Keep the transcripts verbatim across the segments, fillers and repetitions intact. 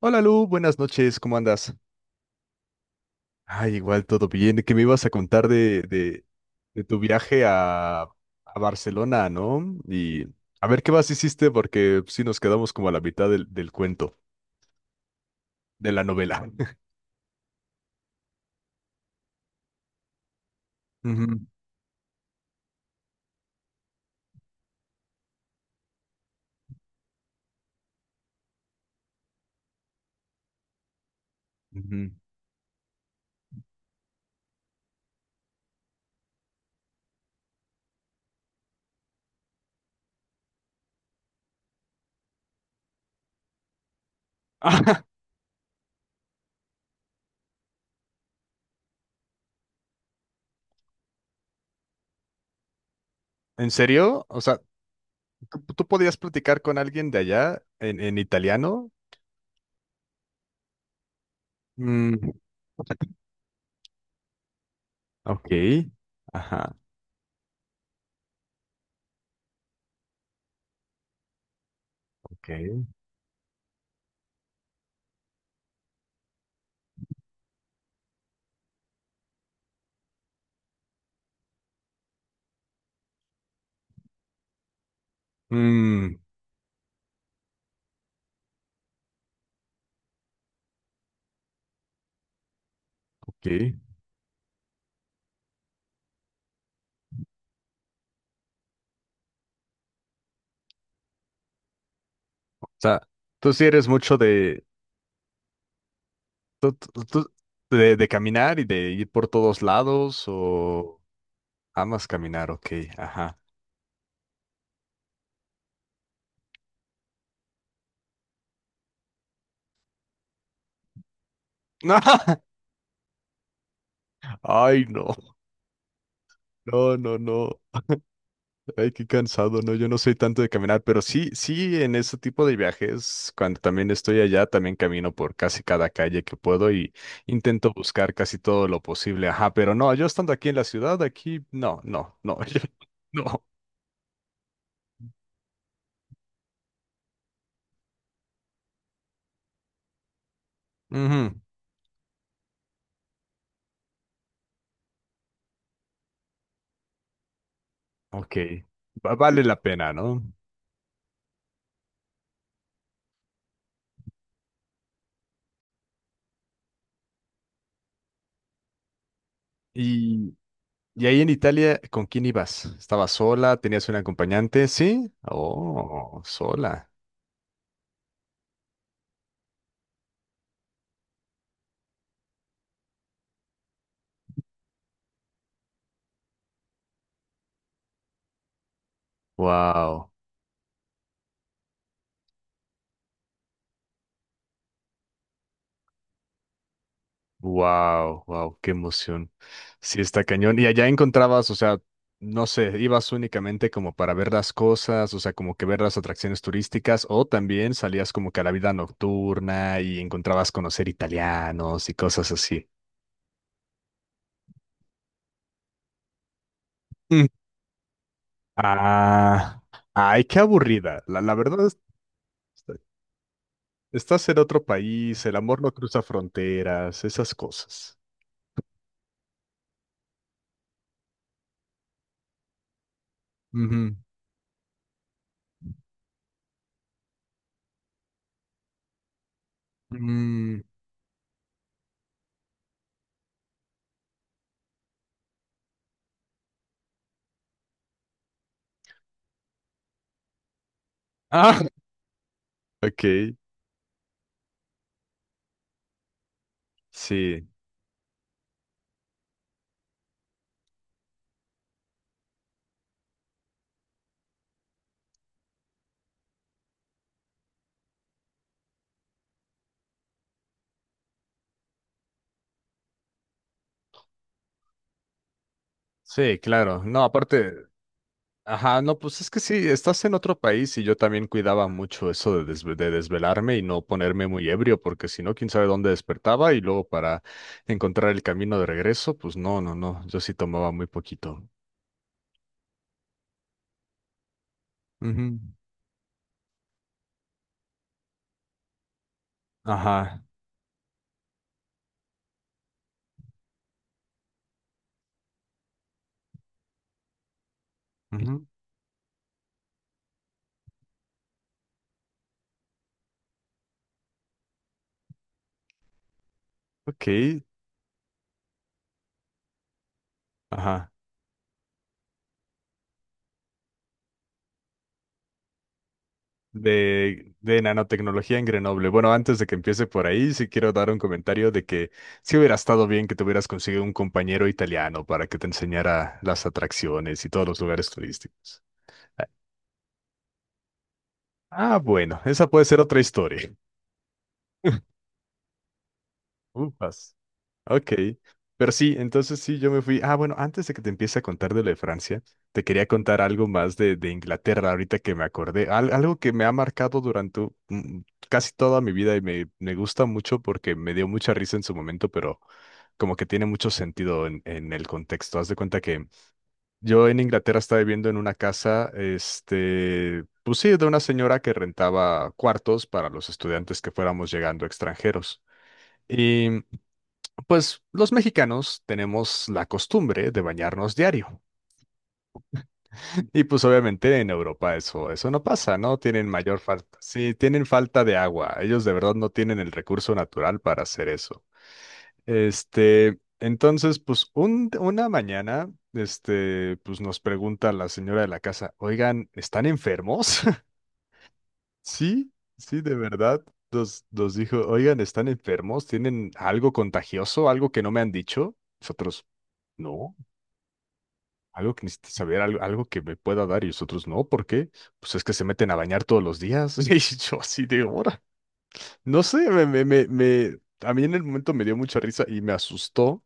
Hola Lu, buenas noches, ¿cómo andas? Ay, igual todo bien. ¿Qué me ibas a contar de, de, de tu viaje a, a Barcelona, ¿no? Y a ver qué más hiciste, porque sí nos quedamos como a la mitad del, del cuento, de la novela. Ujú, ujú. Ah, ¿en serio? O sea, ¿tú, tú podías platicar con alguien de allá en, en italiano? Mm, ok, ajá, ok. Mm, ok. O sea, tú sí eres mucho de ¿Tú- tú- ¿De, de caminar y de ir por todos lados o amas caminar? Ok, ajá. Ay, no, no, no, no. Ay, qué cansado, no, yo no soy tanto de caminar, pero sí, sí, en ese tipo de viajes, cuando también estoy allá, también camino por casi cada calle que puedo y intento buscar casi todo lo posible, ajá, pero no, yo estando aquí en la ciudad, aquí, no, no, no, yo- no. Ujú, ok, va- vale la pena, ¿no? y Y ahí en Italia, ¿con quién ibas? ¿Estabas sola? ¿Tenías un acompañante? Sí. Oh, sola. Wow, wow, wow, qué emoción. Sí, está cañón. Y allá encontrabas, o sea, no sé, ibas únicamente como para ver las cosas, o sea, como que ver las atracciones turísticas, o también salías como que a la vida nocturna y encontrabas conocer italianos y cosas así. Mm. Ah, ay, qué aburrida. La, la verdad, es- estás en otro país, el amor no cruza fronteras, esas cosas. Ujú. Mm. Ah, ok, sí, sí, claro. No, aparte, ajá, no, pues es que sí, estás en otro país y yo también cuidaba mucho eso de, desve- de desvelarme y no ponerme muy ebrio, porque si no, quién sabe dónde despertaba y luego para encontrar el camino de regreso, pues no, no, no, yo sí tomaba muy poquito. Ujú. Ajá, ujú, ok, ajá. de, de nanotecnología en Grenoble. Bueno, antes de que empiece por ahí, sí quiero dar un comentario de que sí hubiera estado bien que te hubieras conseguido un compañero italiano para que te enseñara las atracciones y todos los lugares turísticos. Ah, bueno, esa puede ser otra historia. Ufas. Ok, pero sí, entonces sí, yo me fui. Ah, bueno, antes de que te empiece a contar de lo de Francia, te quería contar algo más de, de Inglaterra, ahorita que me acordé, Al- algo que me ha marcado durante mm, casi toda mi vida y me, me gusta mucho porque me dio mucha risa en su momento, pero como que tiene mucho sentido en, en el contexto. Haz de cuenta que yo en Inglaterra estaba viviendo en una casa, este, pues sí, de una señora que rentaba cuartos para los estudiantes que fuéramos llegando extranjeros. Pues los mexicanos tenemos la costumbre de bañarnos diario. Y pues obviamente en Europa eso, eso no pasa, ¿no? Tienen mayor falta. Sí, tienen falta de agua. Ellos de verdad no tienen el recurso natural para hacer eso. Este, entonces, pues un- una mañana, este, pues nos pregunta la señora de la casa, oigan, ¿están enfermos? Sí, sí, de verdad. Nos, nos dijo, oigan, ¿están enfermos? ¿Tienen algo contagioso? ¿Algo que no me han dicho? Nosotros, no. Algo que necesito saber, algo, algo que me pueda dar y los otros no, ¿por qué? Pues es que se meten a bañar todos los días. Y yo así de hora. No sé, me, me, me, me- a mí en el momento me dio mucha risa y me asustó.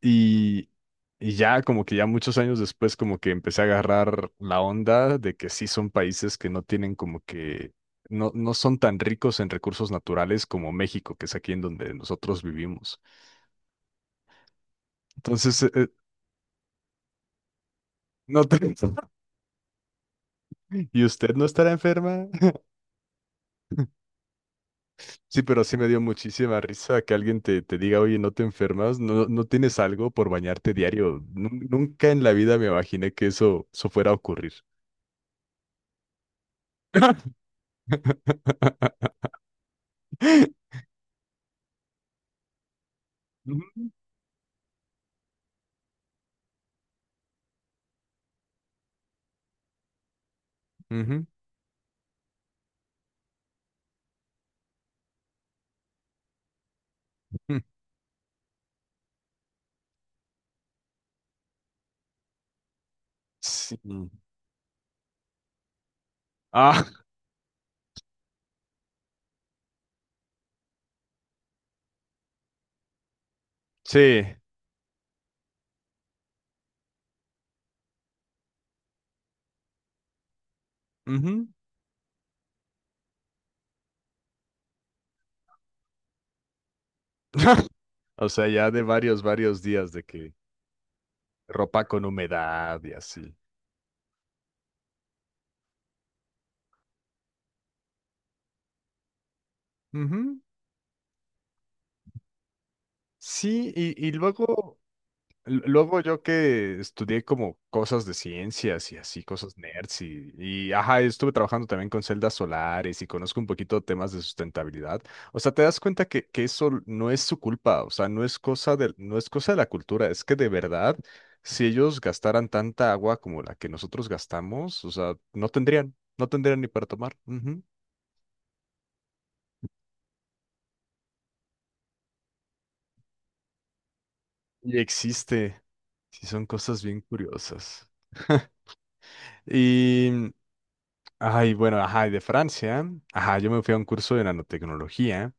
Y, y ya como que ya muchos años después como que empecé a agarrar la onda de que sí son países que no tienen como que, no, no son tan ricos en recursos naturales como México, que es aquí en donde nosotros vivimos. Entonces, eh, eh, no te- ¿Y usted no estará enferma? Sí, pero sí me dio muchísima risa que alguien te, te diga, oye, no te enfermas, no, no tienes algo por bañarte diario. Nun- nunca en la vida me imaginé que eso, eso fuera a ocurrir. Ujú, ujú, ujú. Sí. Ah, sí. Ujú. O sea, ya de varios, varios días de que ropa con humedad y así. Ujú. Sí, y, y luego L- luego yo que estudié como cosas de ciencias y así, cosas nerds y, y, ajá, estuve trabajando también con celdas solares y conozco un poquito temas de sustentabilidad. O sea, te das cuenta que, que eso no es su culpa, o sea, no es cosa de, no es cosa de la cultura, es que de verdad, si ellos gastaran tanta agua como la que nosotros gastamos, o sea, no tendrían, no tendrían ni para tomar. Ujú. Y existe, sí, son cosas bien curiosas. y Ay, bueno, ajá, y de Francia, ajá, yo me fui a un curso de nanotecnología.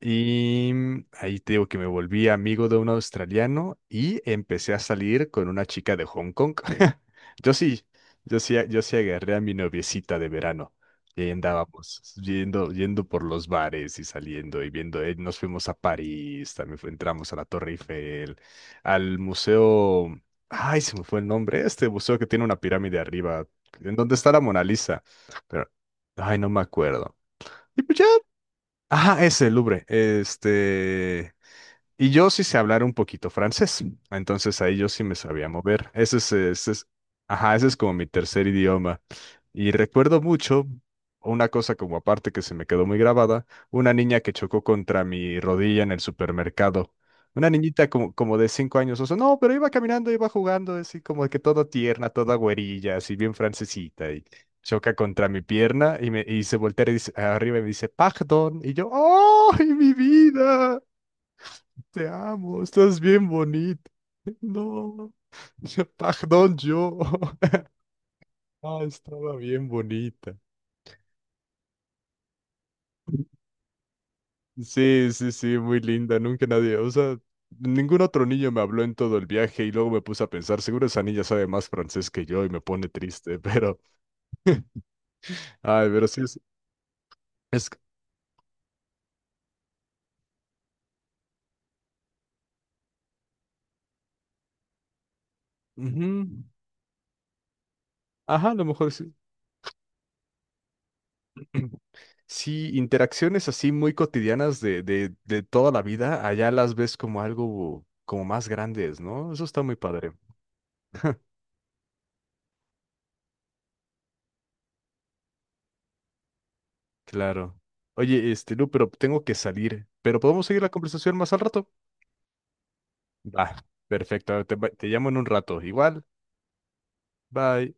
Y mm, ahí te digo que me volví amigo de un australiano y empecé a salir con una chica de Hong Kong. Yo sí, yo sí, yo sí agarré a mi noviecita de verano. Y ahí andábamos yendo, yendo por los bares y saliendo y viendo. eh, Nos fuimos a París, también fu- entramos a la Torre Eiffel, al museo. Ay, se me fue el nombre. Este museo que tiene una pirámide arriba, en donde está la Mona Lisa. Pero, ay, no me acuerdo. Y pues ajá, ese, Louvre. Este. Y yo sí sé hablar un poquito francés, entonces ahí yo sí me sabía mover. Ese es, ese es, ajá, ese es como mi tercer idioma. Y recuerdo mucho una cosa como aparte que se me quedó muy grabada, una niña que chocó contra mi rodilla en el supermercado. Una niñita como, como de cinco años o sea, no, pero iba caminando, iba jugando, así como que toda tierna, toda güerilla, así bien francesita, y choca contra mi pierna y, me, y se voltea y dice, arriba y me dice, pardon, y yo, ¡ay, mi vida! Te amo, estás bien bonita. No, yo- perdón, yo. Ah, estaba bien bonita. Sí, sí, sí, muy linda. Nunca nadie, o sea, ningún otro niño me habló en todo el viaje y luego me puse a pensar, seguro esa niña sabe más francés que yo y me pone triste, pero, ay, pero sí es, es, ujú. Ajá, a lo mejor sí. Sí, interacciones así muy cotidianas de, de, de toda la vida, allá las ves como algo como más grandes, ¿no? Eso está muy padre. Claro. Oye, este, Lu, pero tengo que salir. Pero podemos seguir la conversación más al rato. Va, perfecto. Te, te llamo en un rato. Igual. Bye.